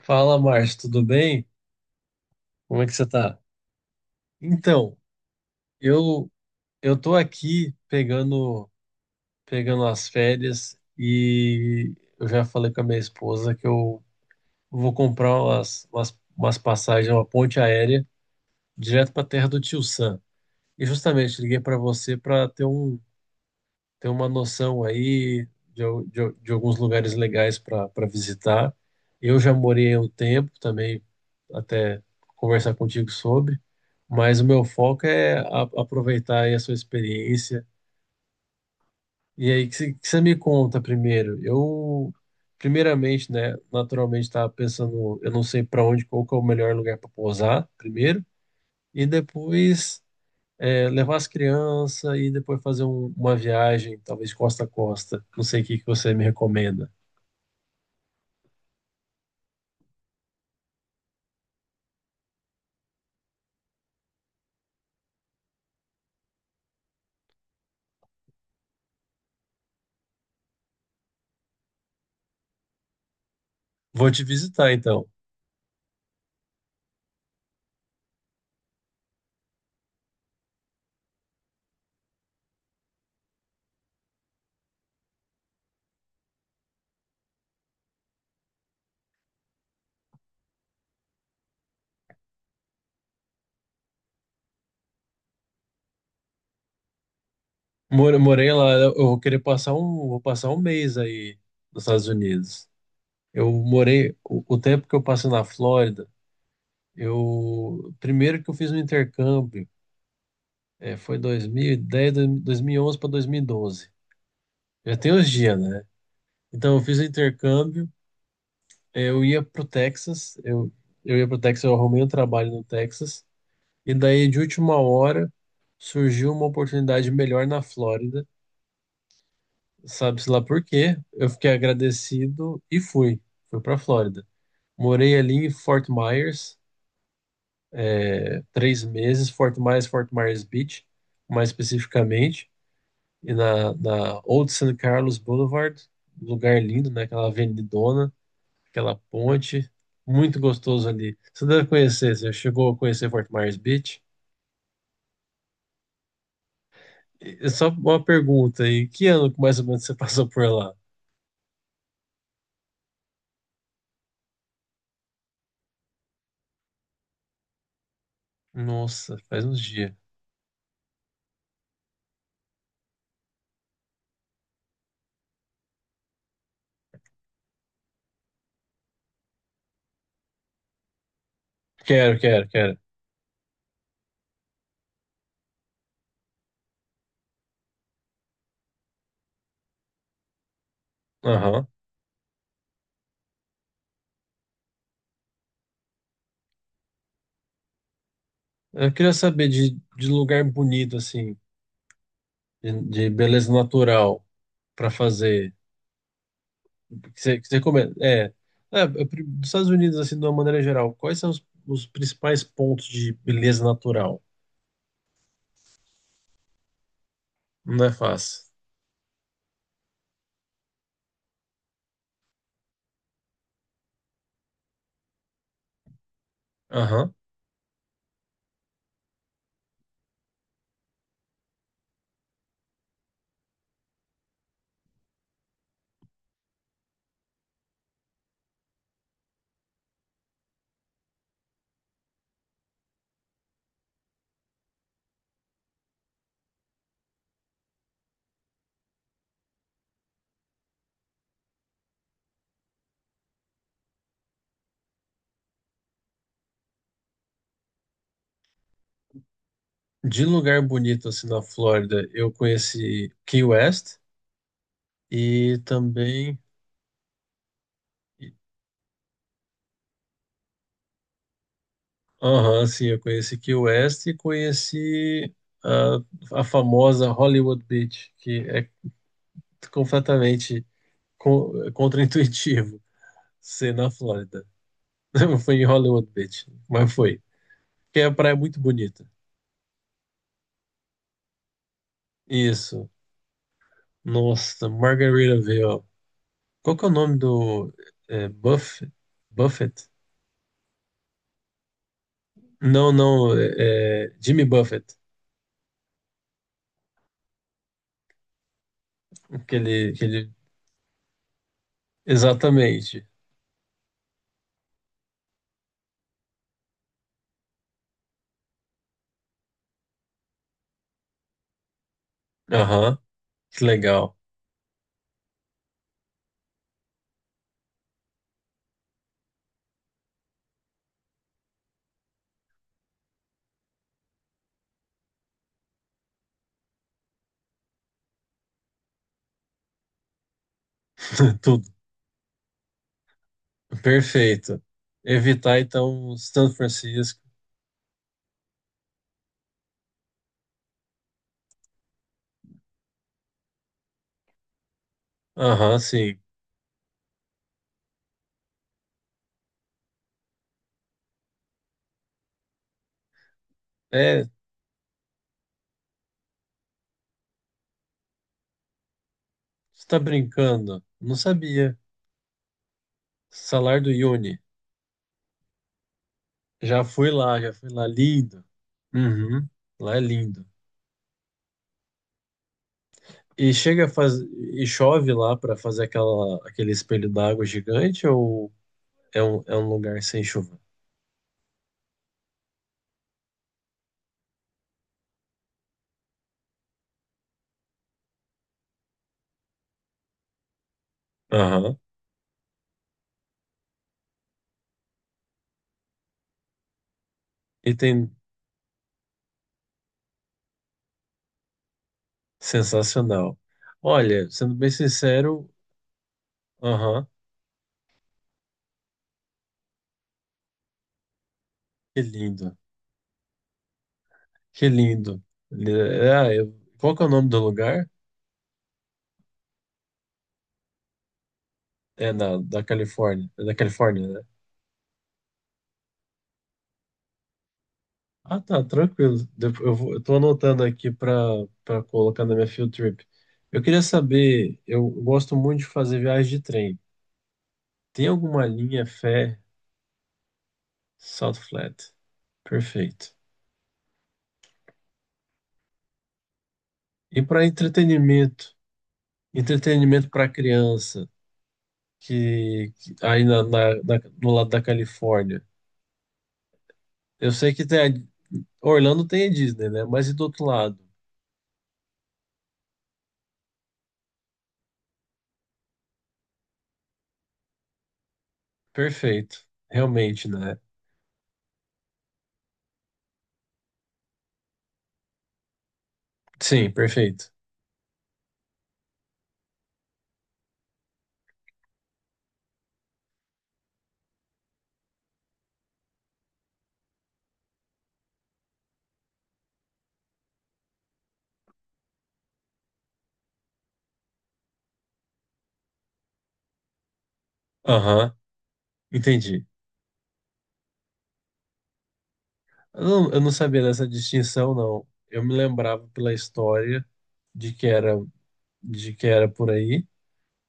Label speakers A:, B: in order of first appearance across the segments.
A: Fala, Márcio, tudo bem? Como é que você tá? Então, eu eu tô aqui pegando as férias e eu já falei com a minha esposa que eu vou comprar umas passagens, uma ponte aérea direto para a terra do Tio Sam. E justamente liguei para você para ter uma noção aí de alguns lugares legais para visitar. Eu já morei um tempo também, até conversar contigo sobre, mas o meu foco é a, aproveitar aí a sua experiência. E aí, que você me conta primeiro? Eu, primeiramente, né, naturalmente estava pensando, eu não sei para onde, qual que é o melhor lugar para pousar primeiro, e depois é, levar as crianças e depois fazer uma viagem, talvez costa a costa. Não sei o que que você me recomenda. Vou te visitar então. Morei lá, eu vou querer passar um, vou passar um mês aí nos Estados Unidos. Eu morei o tempo que eu passei na Flórida. Eu, primeiro, que eu fiz um intercâmbio, foi 2010, 11 para 2012. Já tem uns dias, né? Então, eu fiz o intercâmbio. eh, eu ia pro Texas, eu, eu ia pro Texas, eu arrumei um trabalho no Texas, e daí, de última hora, surgiu uma oportunidade melhor na Flórida, sabe-se lá por quê? Eu fiquei agradecido e fui, pra Flórida. Morei ali em Fort Myers, 3 meses. Fort Myers, Fort Myers Beach, mais especificamente, e na Old San Carlos Boulevard. Um lugar lindo, né? Aquela avenidona, aquela ponte, muito gostoso ali. Você deve conhecer, você chegou a conhecer Fort Myers Beach? E só uma pergunta aí, que ano que mais ou menos você passou por lá? Nossa, faz uns dias. Quero, quero, quero. Aham. Eu queria saber de lugar bonito, assim, de beleza natural para fazer. Que você recomenda? Eu dos Estados Unidos, assim, de uma maneira geral, quais são os principais pontos de beleza natural? Não é fácil. Aham. De lugar bonito, assim, na Flórida, eu conheci Key West e também... Aham, sim, eu conheci Key West e conheci a famosa Hollywood Beach, que é completamente contraintuitivo ser na Flórida. Foi em Hollywood Beach, mas foi. Que é a praia é muito bonita. Isso. Nossa, Margaritaville, ó. Qual que é o nome do é, Buff- Buffett? Não, não, é Jimmy Buffett. Aquele, aquele... Exatamente. Aham, que legal. Tudo. Perfeito. Evitar, então, São Francisco. Aham, sim. É, você tá brincando. Não sabia. Salar do Uyuni. Já fui lá, já fui lá. Lindo. Uhum, lá é lindo. E chega a faz... e chove lá para fazer aquele espelho d'água gigante, ou é um lugar sem chuva? Aham. E tem Sensacional. Olha, sendo bem sincero, aham, que lindo. Que lindo. Qual que é o nome do lugar? Da Califórnia. É da Califórnia, né? Ah, tá, tranquilo. Eu tô anotando aqui para colocar na minha field trip. Eu queria saber, eu gosto muito de fazer viagem de trem. Tem alguma linha fé? Salt Flat. Perfeito. E para entretenimento? Entretenimento para criança, aí no lado da Califórnia. Eu sei que Orlando tem a Disney, né? Mas e do outro lado? Perfeito. Realmente, né? Sim, perfeito. Aham, entendi. Eu não sabia dessa distinção, não. Eu me lembrava pela história de que era, de que era por aí,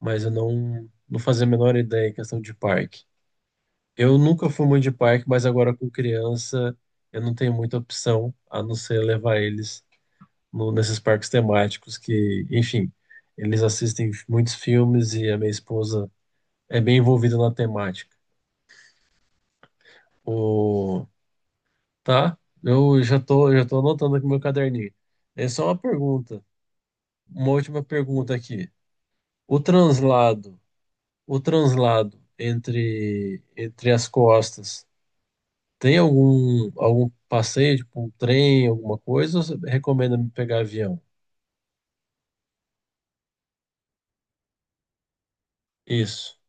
A: mas eu não, não fazia a menor ideia em questão de parque. Eu nunca fui muito de parque, mas agora com criança eu não tenho muita opção a não ser levar eles nesses parques temáticos que, enfim, eles assistem muitos filmes e a minha esposa é bem envolvida na temática. O... Tá? Já tô anotando aqui no meu caderninho. É só uma pergunta, uma última pergunta aqui. O translado, o translado entre as costas. Tem algum passeio, tipo um trem, alguma coisa? Ou você recomenda me pegar avião? Isso.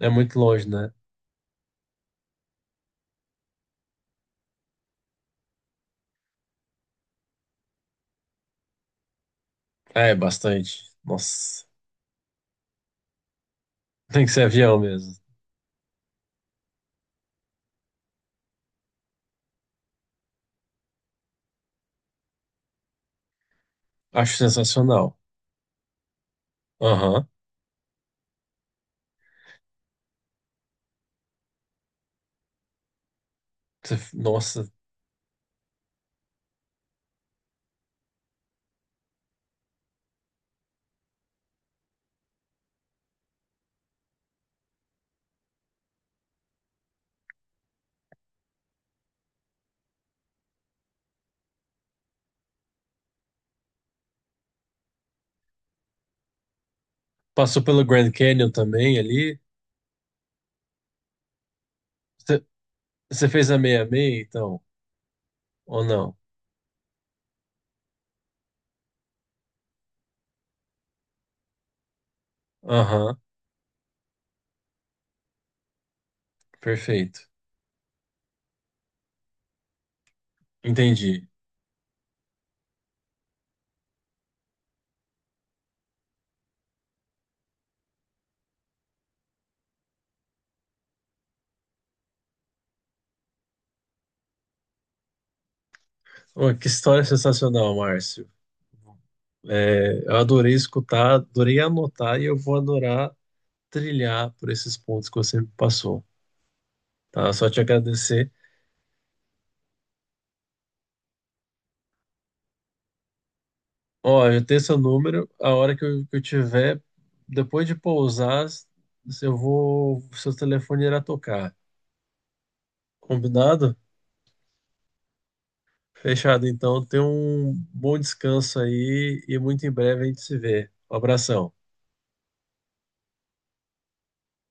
A: É muito longe, né? É, bastante. Nossa. Tem que ser avião mesmo. Acho sensacional. Aham. Nossa. Passou pelo Grand Canyon também ali. Você Você fez a meia-meia, então? Ou não? Aham. Perfeito. Entendi. Ô, que história sensacional, Márcio. É, eu adorei escutar, adorei anotar e eu vou adorar, trilhar por esses pontos que você me passou, tá? Só te agradecer. Ó, eu tenho seu número, a hora que eu tiver, depois de pousar, se eu vou, seu telefone irá tocar. Combinado? Fechado, então. Tenha um bom descanso aí e muito em breve a gente se vê. Um abração.